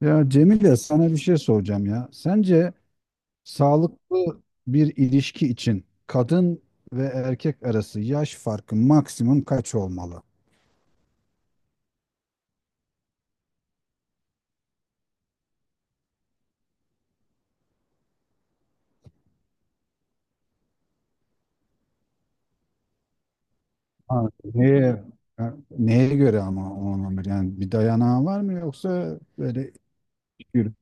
Ya Cemile sana bir şey soracağım ya. Sence sağlıklı bir ilişki için kadın ve erkek arası yaş farkı maksimum kaç olmalı? Ha, neye, ha, neye göre ama olmalı? Yani bir dayanağı var mı, yoksa böyle 2 yıl,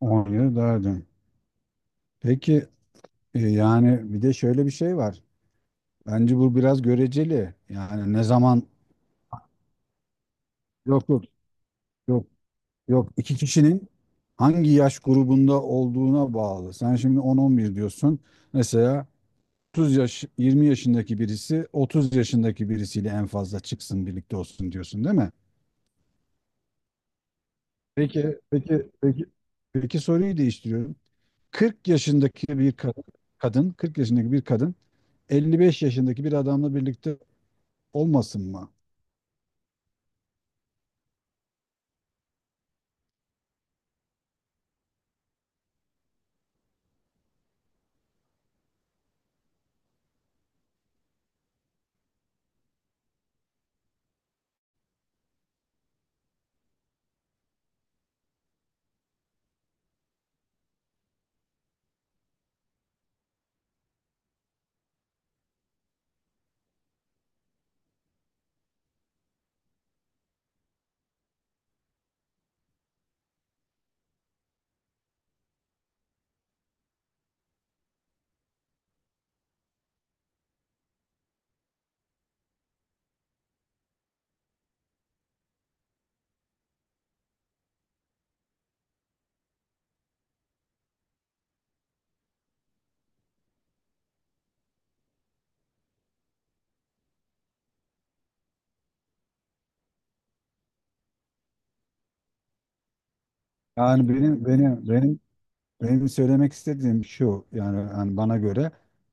10 yıl daha dön. Peki, yani bir de şöyle bir şey var. Bence bu biraz göreceli. Yani ne zaman, yok, yok, yok. Yok, iki kişinin hangi yaş grubunda olduğuna bağlı. Sen şimdi on, on bir diyorsun. Mesela 30 yaş, 20 yaşındaki birisi 30 yaşındaki birisiyle en fazla çıksın, birlikte olsun diyorsun değil mi? Peki, peki, peki, peki, soruyu değiştiriyorum. 40 yaşındaki bir ka- kadın, 40 yaşındaki bir kadın 55 yaşındaki bir adamla birlikte olmasın mı? Yani benim benim benim Benim söylemek istediğim şu, yani, bana göre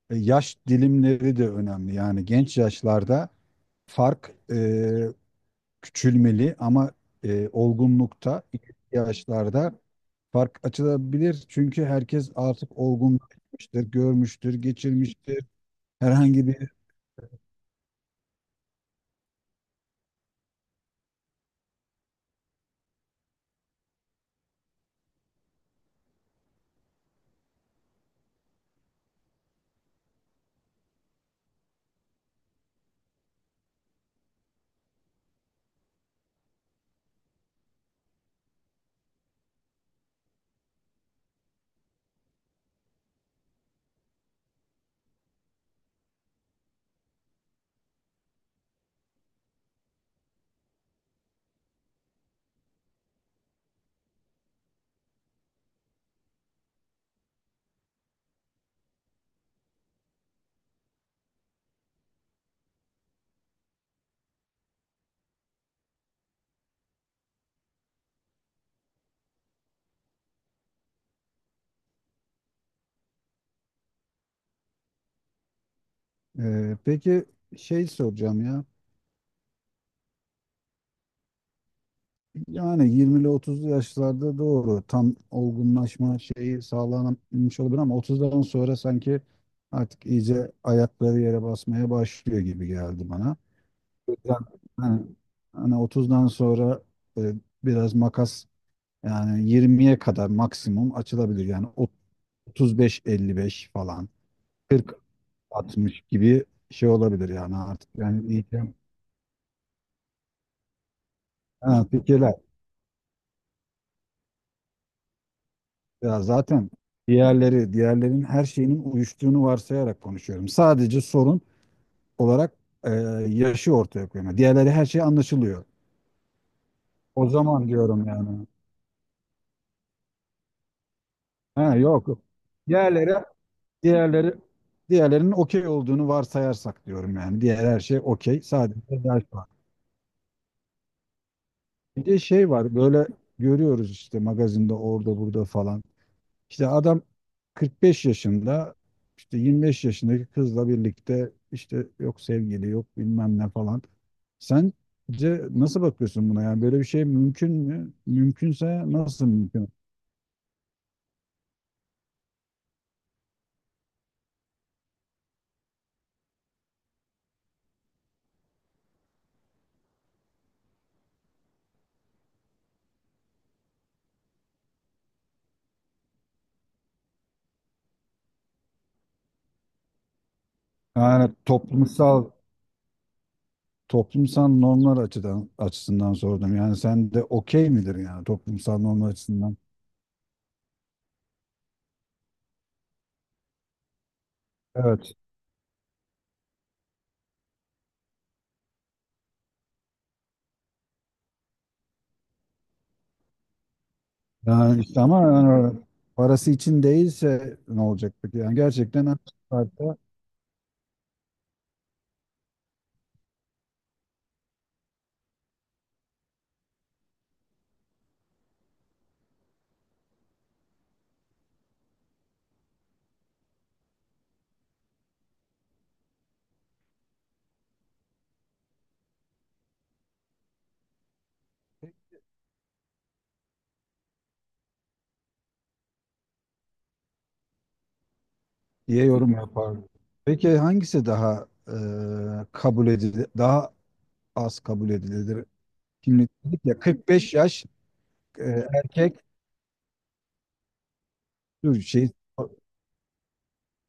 yaş dilimleri de önemli. Yani genç yaşlarda fark küçülmeli ama olgunlukta, ileriki yaşlarda fark açılabilir. Çünkü herkes artık olgunlaşmıştır, görmüştür, geçirmiştir. Herhangi bir, peki şey soracağım ya. Yani 20'li 30'lu yaşlarda doğru tam olgunlaşma şeyi sağlanmış olabilir, ama 30'dan sonra sanki artık iyice ayakları yere basmaya başlıyor gibi geldi bana. Yani, hani, 30'dan sonra e, biraz makas, yani 20'ye kadar maksimum açılabilir. Yani 35-55 falan, 40-60 gibi şey olabilir yani artık. Yani iyice, ha, fikirler. Ya zaten diğerleri, diğerlerin her şeyinin uyuştuğunu varsayarak konuşuyorum. Sadece sorun olarak e, yaşı ortaya koyuyorum. Yani diğerleri, her şey anlaşılıyor. O zaman diyorum yani. Ha, yok, yok. Diğerleri, diğerleri, diğerlerinin okey olduğunu varsayarsak diyorum yani. Diğer her şey okey. Sadece yaş var. Bir de şey var, böyle görüyoruz işte, magazinde, orada burada falan. İşte adam 45 yaşında, işte 25 yaşındaki kızla birlikte, işte yok sevgili, yok bilmem ne falan. Sence nasıl bakıyorsun buna, yani böyle bir şey mümkün mü? Mümkünse nasıl mümkün? Yani toplumsal normlar açısından sordum. Yani sen de okey midir, yani toplumsal normlar açısından? Evet. Yani işte ama yani, parası için değilse ne olacak peki? Yani gerçekten hakikaten diye yorum yapar. Peki hangisi daha kabul edilir, daha az kabul edilir? Şimdi dedik ya, 45 yaş, e, erkek, dur şey,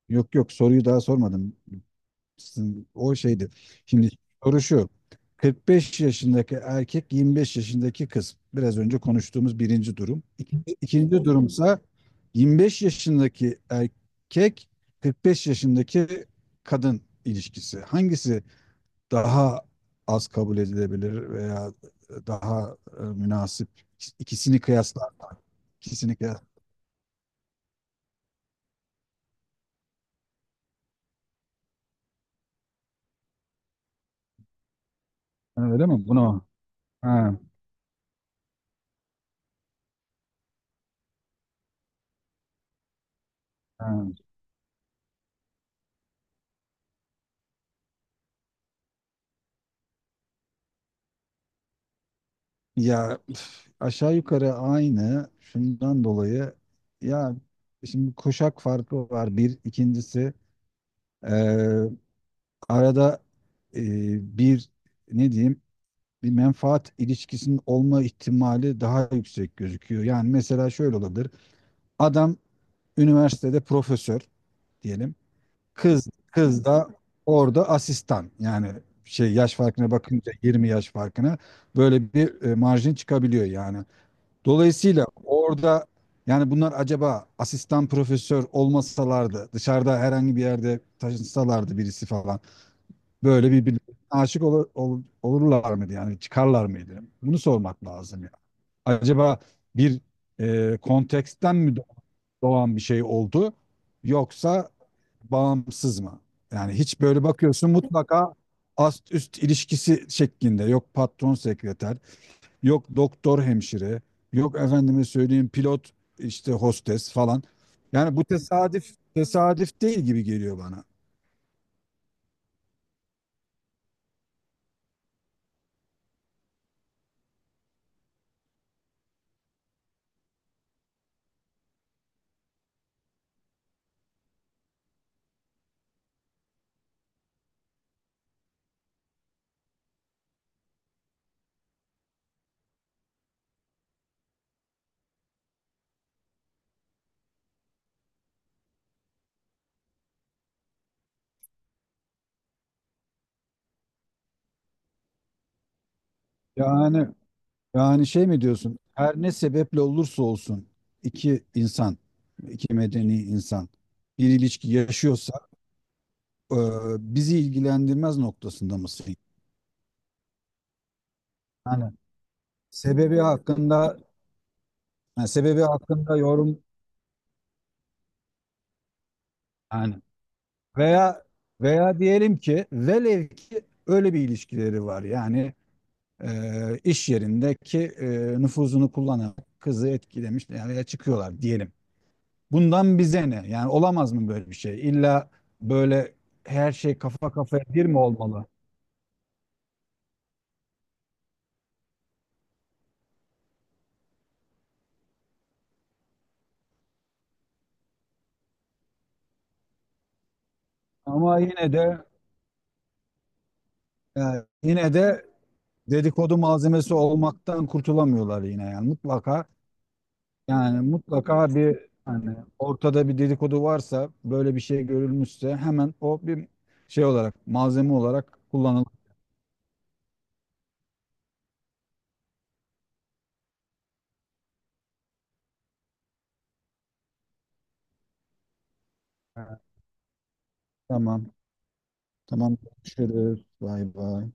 yok yok, soruyu daha sormadım. O şeydi. Şimdi soru şu. 45 yaşındaki erkek, 25 yaşındaki kız. Biraz önce konuştuğumuz birinci durum. İkinci durumsa 25 yaşındaki erkek 45 yaşındaki kadın ilişkisi. Hangisi daha az kabul edilebilir, veya daha münasip, ikisini kıyaslar, ikisini kıyas, öyle mi bunu, ha, ha. Ya, üf, aşağı yukarı aynı şundan dolayı, ya, şimdi kuşak farkı var. Bir ikincisi, e, arada e, bir, ne diyeyim, bir menfaat ilişkisinin olma ihtimali daha yüksek gözüküyor yani. Mesela şöyle olabilir, adam üniversitede profesör diyelim. Kız kız da orada asistan. Yani şey, yaş farkına bakınca, 20 yaş farkına, böyle bir marjin çıkabiliyor yani. Dolayısıyla orada, yani bunlar acaba asistan profesör olmasalardı, dışarıda herhangi bir yerde taşınsalardı birisi falan, böyle birbirine aşık olurlar mıydı yani, çıkarlar mıydı? Bunu sormak lazım ya. Acaba bir konteksten mi doğan bir şey oldu, yoksa bağımsız mı? Yani hiç böyle bakıyorsun, mutlaka ast üst ilişkisi şeklinde. Yok patron sekreter, yok doktor hemşire, yok efendime söyleyeyim pilot işte, hostes falan. Yani bu tesadüf, tesadüf değil gibi geliyor bana. Yani yani şey mi diyorsun? Her ne sebeple olursa olsun iki insan, iki medeni insan bir ilişki yaşıyorsa, e, bizi ilgilendirmez noktasında mısın? Yani sebebi hakkında yorum, yani, veya, diyelim ki, velev ki öyle bir ilişkileri var. Yani iş yerindeki nüfuzunu kullanan kızı etkilemiş yani, ya çıkıyorlar diyelim. Bundan bize ne? Yani olamaz mı böyle bir şey? İlla böyle her şey kafa kafaya bir mi olmalı? Ama yine de, yani yine de, dedikodu malzemesi olmaktan kurtulamıyorlar yine, yani mutlaka. Yani mutlaka bir, hani, ortada bir dedikodu varsa, böyle bir şey görülmüşse, hemen o bir şey olarak, malzeme olarak kullanılır. Tamam. Tamam. Görüşürüz. Bay bay.